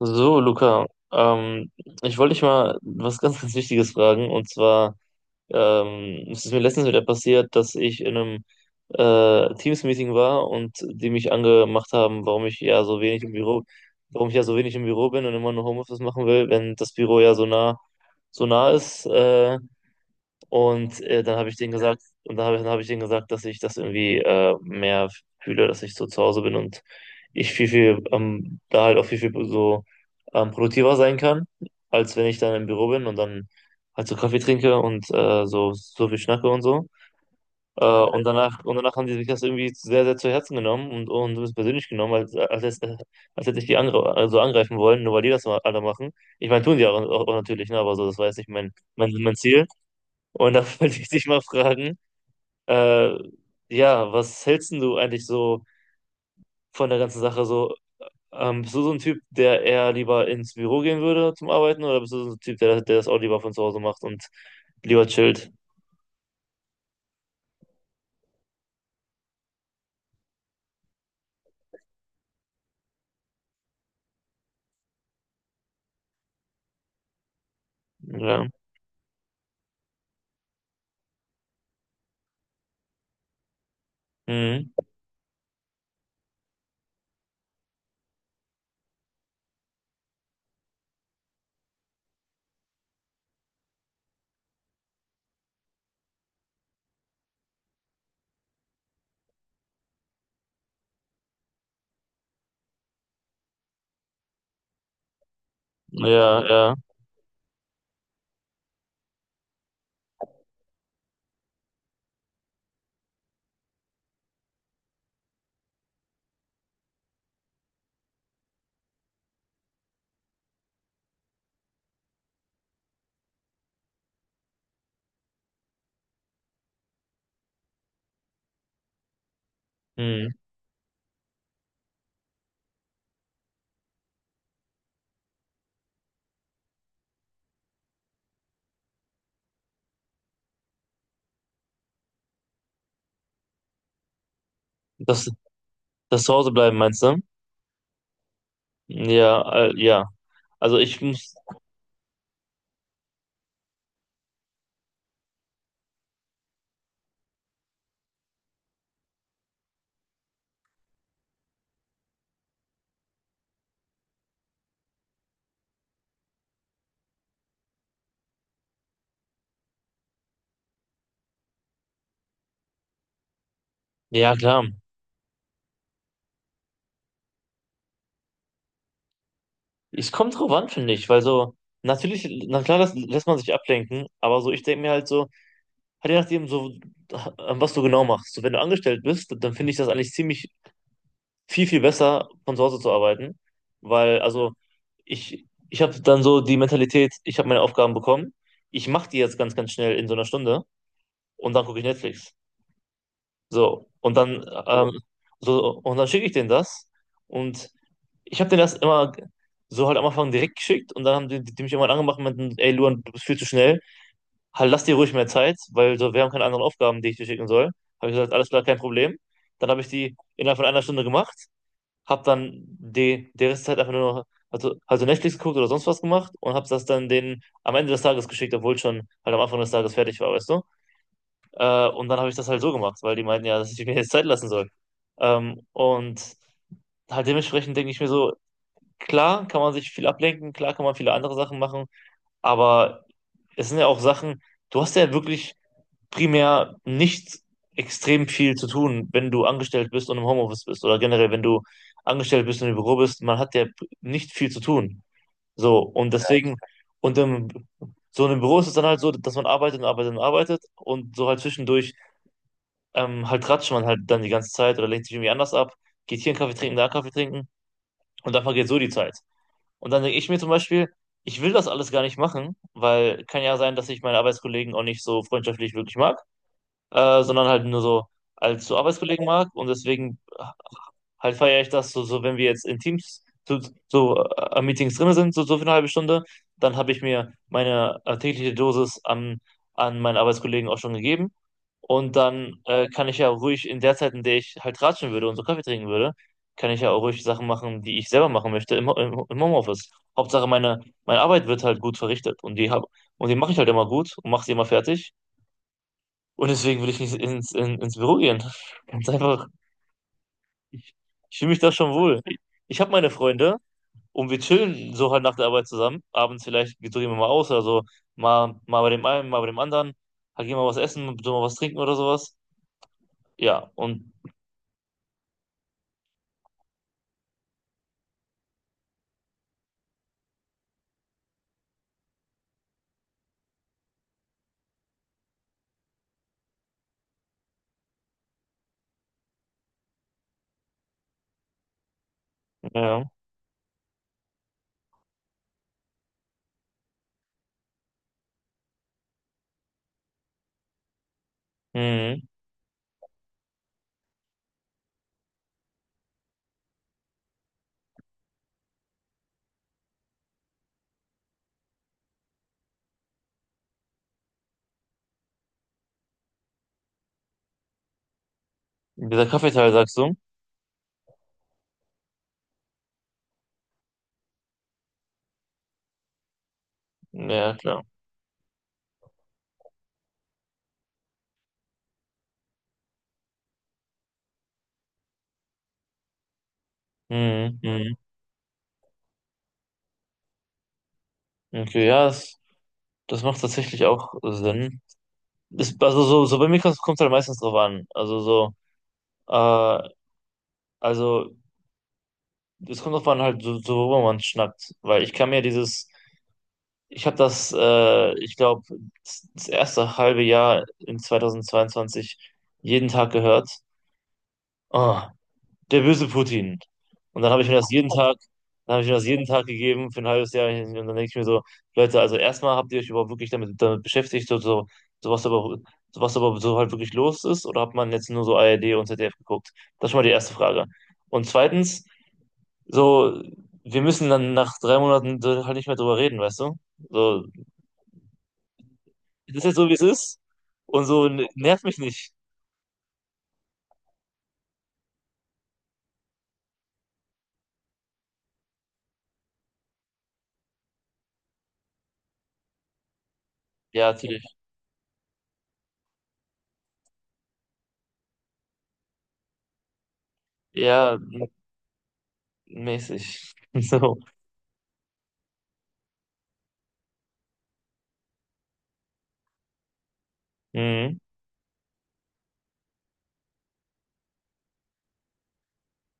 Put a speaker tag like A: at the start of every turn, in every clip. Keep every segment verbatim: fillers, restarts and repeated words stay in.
A: So, Luca, ähm, ich wollte dich mal was ganz, ganz Wichtiges fragen. Und zwar, ähm, es ist mir letztens wieder passiert, dass ich in einem äh, Teams-Meeting war und die mich angemacht haben, warum ich ja so wenig im Büro, warum ich ja so wenig im Büro bin und immer nur Homeoffice machen will, wenn das Büro ja so nah, so nah ist. Äh, und äh, dann habe ich denen gesagt, und dann habe dann hab ich denen gesagt, dass ich das irgendwie äh, mehr fühle, dass ich so zu Hause bin und ich viel, viel, ähm, da halt auch viel, viel so ähm, produktiver sein kann, als wenn ich dann im Büro bin und dann halt so Kaffee trinke und äh, so, so viel schnacke und so. Äh, und danach, und danach haben die sich das irgendwie sehr, sehr zu Herzen genommen und, und es persönlich genommen, als, als, als hätte ich die angre also angreifen wollen, nur weil die das mal alle machen. Ich meine, tun die auch, auch, auch natürlich, ne, aber so, das war jetzt nicht mein, mein, mein Ziel. Und da wollte ich dich mal fragen, äh, ja, was hältst denn du eigentlich so von der ganzen Sache? So, ähm, bist du so ein Typ, der eher lieber ins Büro gehen würde zum Arbeiten, oder bist du so ein Typ, der, der das auch lieber von zu Hause macht und lieber chillt? Ja, mhm. Ja, ja. Mhm. Das, das zu Hause bleiben, meinst du? Ja, äh, ja. Also ich muss, ja klar. Es kommt drauf an, finde ich, weil so, natürlich, na klar, das lässt man sich ablenken, aber so, ich denke mir halt so, halt je nachdem, so, ähm, was du genau machst. So, wenn du angestellt bist, dann finde ich das eigentlich ziemlich viel, viel besser, von zu Hause zu arbeiten. Weil, also, ich, ich habe dann so die Mentalität, ich habe meine Aufgaben bekommen, ich mache die jetzt ganz, ganz schnell in so einer Stunde und dann gucke ich Netflix. So, und dann, ähm, so, und dann schicke ich denen das. Und ich habe denen das immer so halt am Anfang direkt geschickt und dann haben die, die mich irgendwann angemacht und meinten, ey Luan, du bist viel zu schnell halt, lass dir ruhig mehr Zeit, weil so, wir haben keine anderen Aufgaben, die ich dir schicken soll. Habe ich gesagt, alles klar, kein Problem. Dann habe ich die innerhalb von einer Stunde gemacht, habe dann die, die Restzeit einfach nur noch, also, also Netflix geguckt oder sonst was gemacht und habe das dann denen am Ende des Tages geschickt, obwohl ich schon halt am Anfang des Tages fertig war, weißt du? Äh, und dann habe ich das halt so gemacht, weil die meinten ja, dass ich mir jetzt Zeit lassen soll. Ähm, und halt dementsprechend denke ich mir so, klar kann man sich viel ablenken, klar kann man viele andere Sachen machen, aber es sind ja auch Sachen, du hast ja wirklich primär nicht extrem viel zu tun, wenn du angestellt bist und im Homeoffice bist oder generell, wenn du angestellt bist und im Büro bist, man hat ja nicht viel zu tun. So, und ja, deswegen, und im, so in einem Büro ist es dann halt so, dass man arbeitet und arbeitet und arbeitet und so halt zwischendurch ähm, halt tratscht man halt dann die ganze Zeit oder lenkt sich irgendwie anders ab, geht hier einen Kaffee trinken, da einen Kaffee trinken und dann vergeht so die Zeit. Und dann denke ich mir zum Beispiel, ich will das alles gar nicht machen, weil kann ja sein, dass ich meine Arbeitskollegen auch nicht so freundschaftlich wirklich mag äh, sondern halt nur so als so Arbeitskollegen mag und deswegen äh, halt feiere ich das so, so wenn wir jetzt in Teams so, so äh, am Meetings drin sind, so, so für eine halbe Stunde, dann habe ich mir meine äh, tägliche Dosis an, an meinen Arbeitskollegen auch schon gegeben und dann äh, kann ich ja ruhig in der Zeit, in der ich halt ratschen würde und so Kaffee trinken würde, kann ich ja auch ruhig Sachen machen, die ich selber machen möchte im, Ho- im, Ho- im Homeoffice. Hauptsache meine, meine Arbeit wird halt gut verrichtet und die hab, und die mache ich halt immer gut und mache sie immer fertig. Und deswegen will ich nicht ins, in, ins Büro gehen. Ganz einfach. Ich, ich fühle mich da schon wohl. Ich habe meine Freunde und wir chillen so halt nach der Arbeit zusammen. Abends vielleicht gehen wir mal aus oder so. Mal, mal bei dem einen, mal bei dem anderen. Halt gehen wir was essen, so mal was trinken oder sowas. Ja, und ja. Mhm. Dieser Kaffeeteil, sagst du? Ja, klar. Mhm. Mhm. Okay, ja, das, das macht tatsächlich auch Sinn. Das, also so, so bei mir kommt es halt meistens drauf an. Also so, äh, also Es kommt drauf an, halt, so, so worüber man schnackt. Weil ich kann mir dieses, ich habe das, äh, ich glaube, das erste halbe Jahr in zwanzig zweiundzwanzig jeden Tag gehört. Oh, der böse Putin. Und dann habe ich mir das jeden Tag, dann habe ich mir das jeden Tag gegeben für ein halbes Jahr. Und dann denke ich mir so, Leute, also erstmal habt ihr euch überhaupt wirklich damit, damit beschäftigt, so, so, so was aber, so was aber so halt wirklich los ist? Oder hat man jetzt nur so A R D und Z D F geguckt? Das ist schon mal die erste Frage. Und zweitens, so, wir müssen dann nach drei Monaten so halt nicht mehr drüber reden, weißt du? So, es ist jetzt so, wie es ist. Und so n- nervt mich nicht. Ja, natürlich. Ja, m- mäßig. So. Mhm.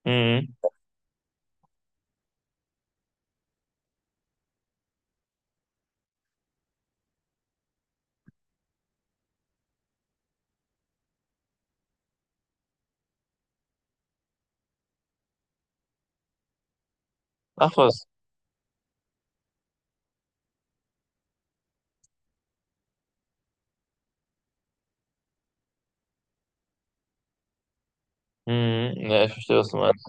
A: Mhm. Ach was. Mhm. Ja, ich verstehe, was du meinst.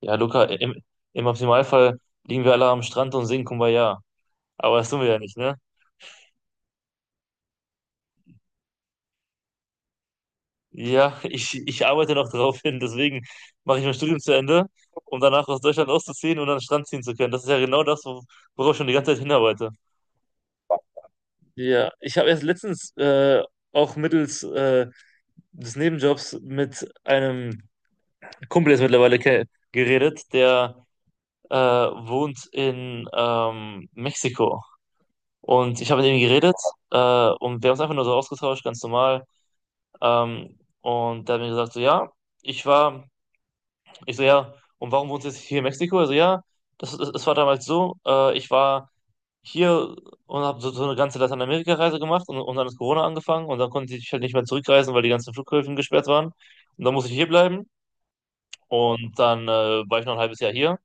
A: Ja, Luca, im, im Optimalfall liegen wir alle am Strand und singen Kumbaya. Aber das tun wir ja nicht, ne? Ja, ich, ich arbeite noch drauf hin, deswegen mache ich mein Studium zu Ende, um danach aus Deutschland auszuziehen und an den Strand ziehen zu können. Das ist ja genau das, wo- worauf ich schon die ganze Zeit hinarbeite. Ja, ich habe erst letztens äh, auch mittels äh, des Nebenjobs mit einem Kumpel jetzt mittlerweile ke- geredet, der äh, wohnt in ähm, Mexiko. Und ich habe mit ihm geredet äh, und wir haben uns einfach nur so ausgetauscht, ganz normal. Ähm, und der hat mir gesagt, so ja, ich war, ich so ja, und warum wohnst du jetzt hier in Mexiko? Also ja, das, das, das war damals so, äh, ich war hier und habe so, so eine ganze Lateinamerika-Reise gemacht und, und dann ist Corona angefangen und dann konnte ich halt nicht mehr zurückreisen, weil die ganzen Flughäfen gesperrt waren. Und dann musste ich hier bleiben und dann äh, war ich noch ein halbes Jahr hier.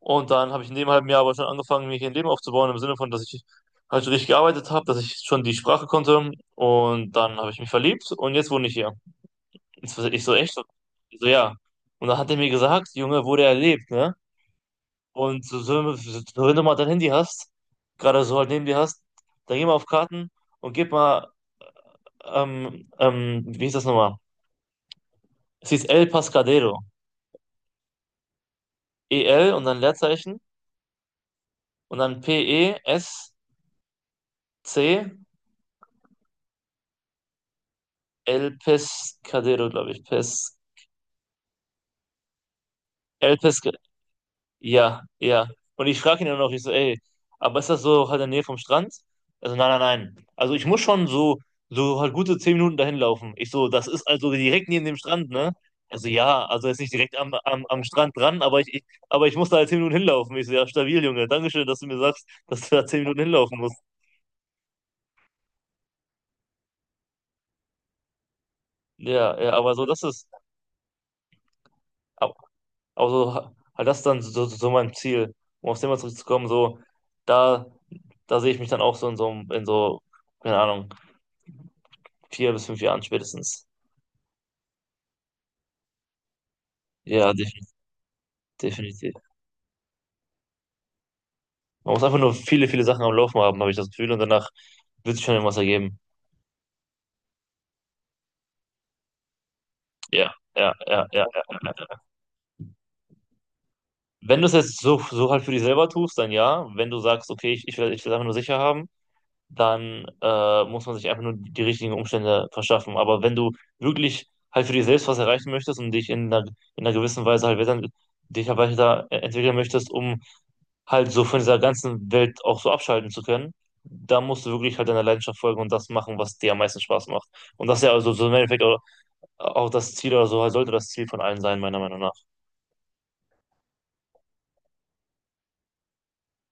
A: Und dann habe ich in dem halben Jahr aber schon angefangen, mir hier ein Leben aufzubauen, im Sinne von, dass ich halt schon richtig gearbeitet habe, dass ich schon die Sprache konnte und dann habe ich mich verliebt und jetzt wohne ich hier. Jetzt war ich so echt, so, ich so ja. Und dann hat er mir gesagt, Junge, wo der lebt, ne? Und so, so, so, wenn du mal dein Handy hast, gerade so halt neben dir hast, dann geh mal auf Karten und gib mal, ähm, ähm, wie hieß das nochmal? Es hieß El Pescadero. E L und dann Leerzeichen und dann P-E-S-C, El Pescadero, glaube ich. Pes, El Pescadero. Ja, ja. Und ich frage ihn dann noch, ich so, ey, aber ist das so halt in der Nähe vom Strand? Also nein, nein, nein. Also ich muss schon so, so halt gute zehn Minuten dahin laufen. Ich so, das ist also direkt neben dem Strand, ne? Also ja, also jetzt nicht direkt am, am, am Strand dran, aber ich, ich, aber ich muss da halt zehn Minuten hinlaufen. Ich so, ja, stabil, Junge. Dankeschön, dass du mir sagst, dass du da zehn Minuten hinlaufen musst. Ja, ja, aber so, das ist, aber aber so, ha- halt das ist dann so, so so mein Ziel, um aufs Thema zurückzukommen, so, da, da sehe ich mich dann auch so in so, einem- in so, keine Ahnung, vier bis fünf Jahren spätestens. Ja, defin- definitiv. Man muss einfach nur viele, viele Sachen am Laufen haben, habe ich das Gefühl, und danach wird sich schon irgendwas ergeben. Ja, ja, ja, ja. Ja. Ja. Wenn du es jetzt so, so halt für dich selber tust, dann ja. Wenn du sagst, okay, ich, ich will, ich will es einfach nur sicher haben, dann äh, muss man sich einfach nur die, die richtigen Umstände verschaffen. Aber wenn du wirklich halt für dich selbst was erreichen möchtest und dich in einer, in einer gewissen Weise halt weiter, dich halt weiter äh, entwickeln möchtest, um halt so von dieser ganzen Welt auch so abschalten zu können, da musst du wirklich halt deiner Leidenschaft folgen und das machen, was dir am meisten Spaß macht. Und das ist ja also so im Endeffekt auch, auch das Ziel oder so, halt sollte das Ziel von allen sein, meiner Meinung nach.